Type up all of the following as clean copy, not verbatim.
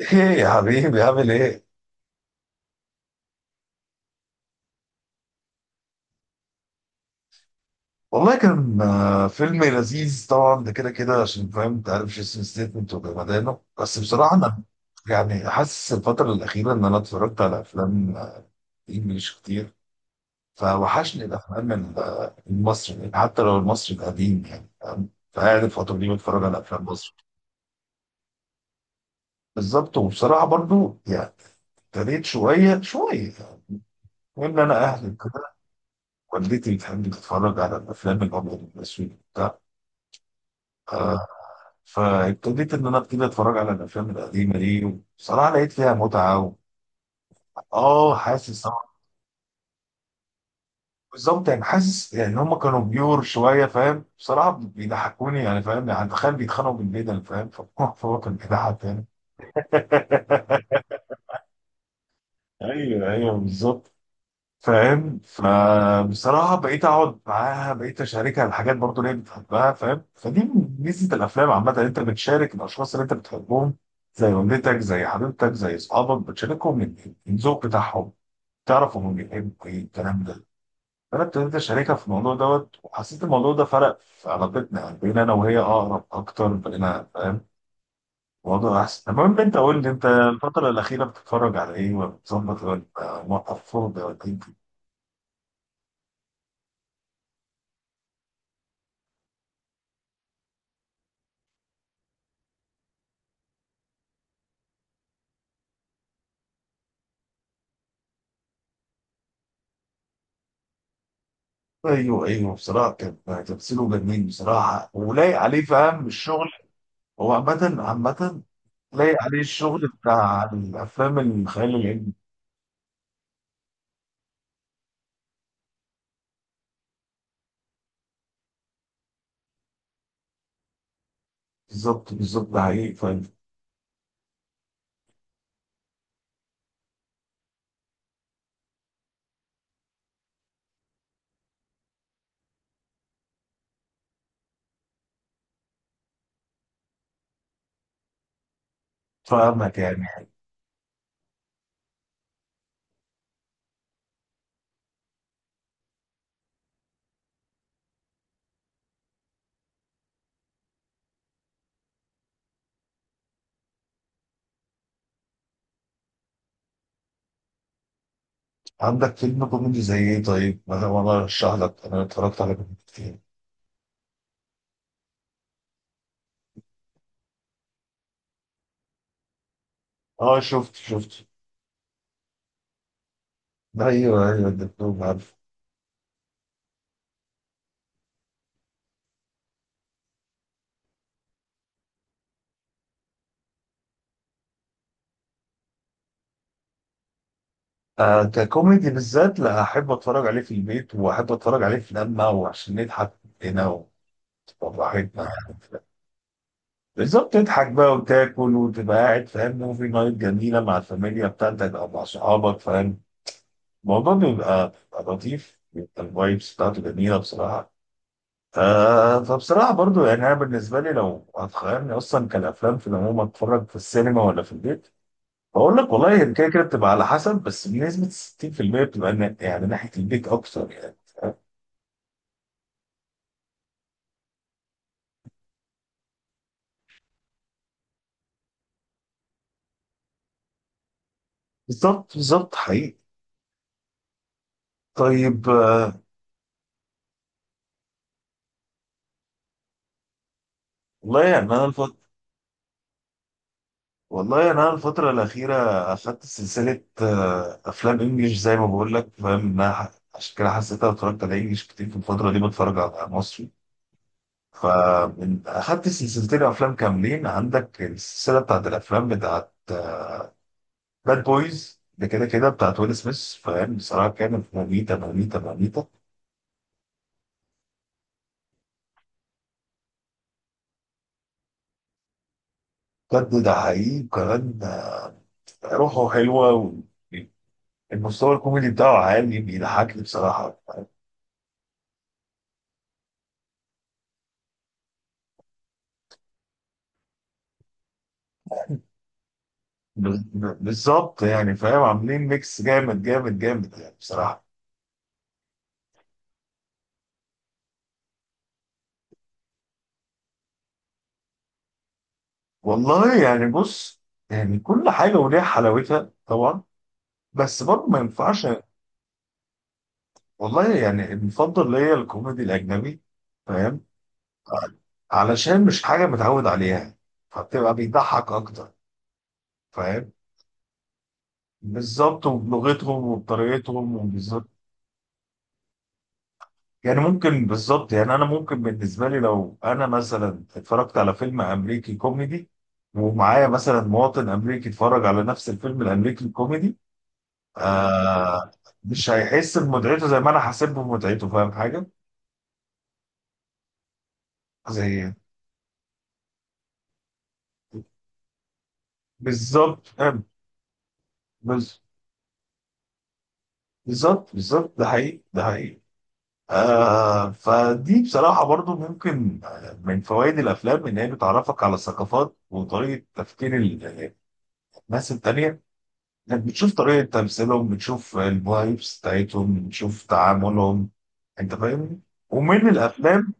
ايه. يا حبيبي عامل ايه؟ والله كان فيلم لذيذ طبعا، ده كده كده عشان فاهم، انت عارف جيسون ستيتمنت وجمدانه. بس بصراحه انا يعني حاسس الفتره الاخيره ان انا اتفرجت على افلام انجليش كتير، فوحشني الافلام المصري، يعني حتى لو المصري القديم، يعني فاهم؟ فقاعد الفتره دي بتفرج على افلام مصر. بالظبط، وبصراحه برضو يعني ابتديت شويه شويه يعني، وان انا اهلي كده، والدتي بتحب تتفرج على الافلام الابيض والاسود وبتاع. آه، فابتديت ان انا ابتدي اتفرج على الافلام القديمه دي. بصراحه لقيت فيها متعه اه، حاسس طبعاً. بالظبط، يعني حاسس يعني ان هم كانوا بيور شويه، فاهم؟ بصراحه بيضحكوني يعني، فاهم؟ يعني تخيل بيتخانقوا بالبدل، فاهم؟ فهو كان بيضحك يعني. ايوه ايوه بالظبط. فاهم؟ فبصراحة بقيت أقعد معاها، بقيت أشاركها الحاجات برضو اللي هي بتحبها، فاهم؟ فدي ميزة الأفلام عامة، إن أنت بتشارك الأشخاص اللي أنت بتحبهم، زي والدتك، زي حبيبتك، زي أصحابك، بتشاركهم الذوق بتاعهم، تعرف هم بيحبوا إيه الكلام ده. فأنا ابتديت أشاركها في الموضوع دوت، وحسيت الموضوع ده فرق في علاقتنا، يعني بقينا أنا وهي أقرب أكتر، بقينا فاهم الموضوع أحسن. المهم، أنت قول لي، أنت الفترة الأخيرة بتتفرج على إيه؟ ولا بتظبط ولا موقف فاضي ولا إيه؟ ايوه ايوه بصراحه كان تمثيله جميل بصراحه، ولايق عليه، فاهم الشغل. هو عامه عامه لايق عليه الشغل بتاع الافلام الخيال العلمي. بالظبط بالظبط، ده حقيقي فاهم. فاهمك يعني. عندك فيلم كوميدي زي ايه؟ طيب انا والله ارشح لك، انا اتفرجت على كوميدي كتير. اه شفت شفت. ايوه ايوه، الدكتور عارف. آه، ككوميدي بالذات لا احب اتفرج عليه في البيت، واحب اتفرج عليه في لما وعشان نضحك هنا وتبقى براحتنا يعني. بالظبط، تضحك بقى وتاكل وتبقى قاعد، فاهم، موفي نايت جميله مع الفاميليا بتاعتك او مع صحابك، فاهم؟ الموضوع بيبقى لطيف، بيبقى الفايبس بتاعته جميله بصراحه. آه، فبصراحه برضو يعني، انا بالنسبه لي لو هتخيرني اصلا كالافلام في العموم، اتفرج في السينما ولا في البيت؟ بقول لك والله، هي كده كده بتبقى على حسب، بس بنسبه 60% بتبقى يعني ناحيه البيت اكتر يعني. بالظبط بالظبط حقيقي. طيب والله يعني انا الفتره، والله انا الفتره الاخيره اخدت سلسله افلام انجليش، زي ما بقول لك، فاهم انها عشان كده حسيتها اتفرجت على انجليش كتير في الفتره دي بتفرج على مصري. فمن اخدت سلسلتين افلام كاملين، عندك السلسله بتاعت الافلام بتاعت باد بويز ده كده كده، بتاعت ويل سميث، فاهم؟ بصراحه كانت مميته مميته مميته. بجد ده حقيقي وكمان روحه حلوه، والمستوى الكوميدي بتاعه عالي، بيضحكني بصراحه. بالظبط يعني، فاهم؟ عاملين ميكس جامد جامد جامد يعني بصراحة. والله يعني بص، يعني كل حاجة وليها حلاوتها طبعا، بس برضه ما ينفعش. والله يعني المفضل ليا الكوميدي الأجنبي، فاهم؟ علشان مش حاجة متعود عليها، فبتبقى بيضحك أكتر، فاهم؟ بالظبط، وبلغتهم وبطريقتهم، يعني ممكن بالظبط يعني، انا ممكن بالنسبه لي لو انا مثلا اتفرجت على فيلم امريكي كوميدي، ومعايا مثلا مواطن امريكي اتفرج على نفس الفيلم الامريكي الكوميدي، آه، مش هيحس بمتعته زي ما انا حاسب بمتعته، فاهم حاجه؟ زي، بالظبط فاهم. بز- بالظبط بالظبط، ده حقيقي ده حقيقي. آه، فدي بصراحه برضو ممكن من فوائد الافلام ان هي بتعرفك على الثقافات وطريقه تفكير الناس التانيه، انت بتشوف طريقة تمثيلهم، بتشوف الفايبس بتاعتهم، بتشوف تعاملهم، انت فاهمني؟ ومن الافلام،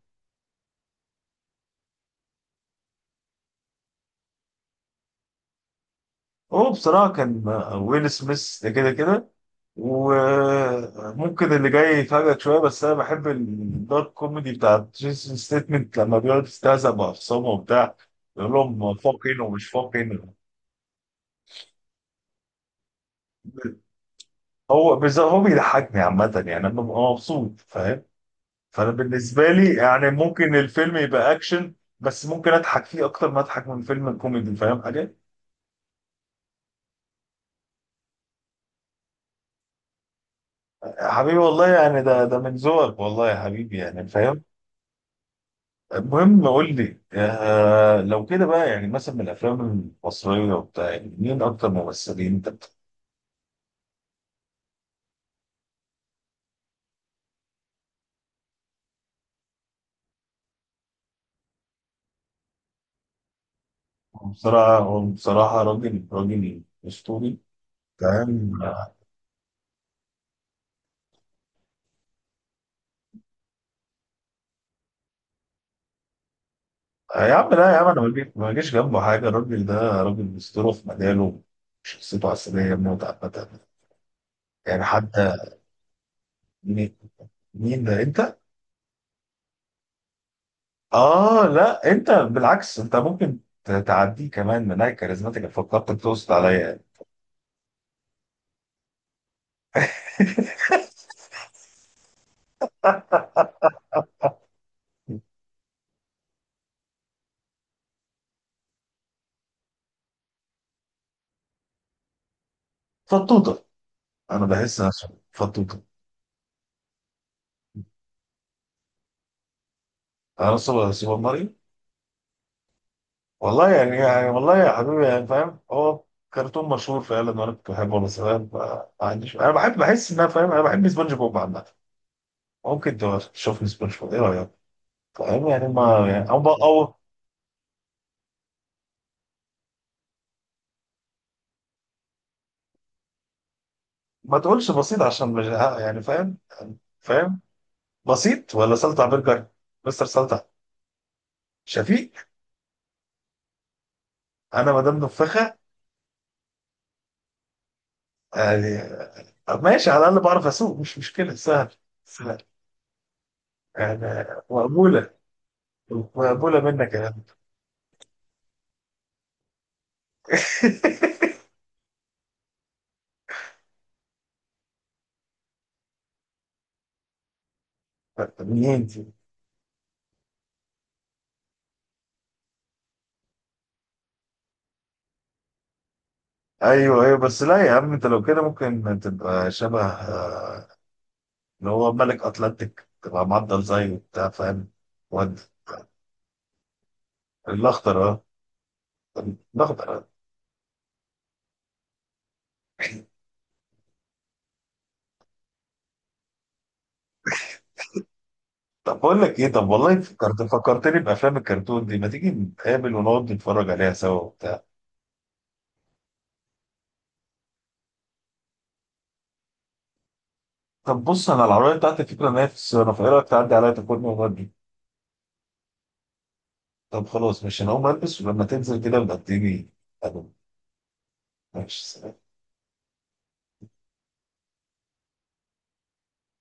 هو بصراحة كان ويل سميث ده كده كده. وممكن اللي جاي يفاجئك شوية، بس انا بحب الدارك كوميدي بتاع جيسون ستيتمنت، لما بيقعد يستهزأ بأخصامه وبتاع، يقول لهم فاقين ومش فاقين. هو بيضحكني عامة، يعني انا ببقى مبسوط، فاهم؟ فانا بالنسبه لي يعني ممكن الفيلم يبقى اكشن، بس ممكن اضحك فيه اكتر ما اضحك من فيلم الكوميدي، فاهم حاجه؟ يا حبيبي والله يعني، ده من ذوقك، والله يا حبيبي يعني فاهم. المهم قول لي، آه لو كده بقى، يعني مثلا من الافلام المصريه وبتاع، يعني مين اكتر ممثلين انت بتحبهم؟ بصراحه هو بصراحه راجل راجل اسطوري فاهم. يا عم لا يا عم، انا ما جيش جنبه حاجه الراجل ده. راجل اسطوره في مجاله، شخصيته عسليه موت عامه. يعني حد، مين ده انت؟ اه لا، انت بالعكس، انت ممكن تعديه كمان من هاي كاريزماتيك، فكرتك تقصد عليا يعني. فطوطه. انا بحس نفسي فطوطه. انا سوبر سوبر ماريو والله. يعني والله يا حبيبي يعني فاهم، هو كرتون مشهور فعلا وانا كنت بحبه وانا صغير، فما عنديش، انا بحب، بحس ان انا، فاهم، انا بحب سبونج بوب عامه. ممكن تشوفني سبونج بوب، ايه رايك؟ فاهم يعني، ما يعني او ما تقولش بسيط عشان مش يعني فاهم بسيط ولا سلطع برجر؟ مستر سلطع. شفيق. انا ما دام نفخه يعني ماشي، على الاقل بعرف اسوق مش مشكله، سهل سهل يعني. مقبوله مقبوله منك يا عم. منين دي؟ ايوه ايوه، بس لا يا عم، انت لو كده ممكن تبقى شبه اللي هو ملك اتلانتيك، تبقى معضل زيه وبتاع، فاهم؟ ود الاخضر اه، الاخضر آه. طب بقول لك ايه، طب والله فكرت، فكرتني بافلام الكرتون دي، ما تيجي نتقابل ونقعد نتفرج عليها سوا؟ طب بص، انا العربيه بتاعتي فكره ان هي في الصيانه، فايه رايك تعدي عليا تاخدني وتودي؟ طب خلاص ماشي، انا هقوم البس ولما تنزل كده بقى اديني. ألو. ماشي سلام.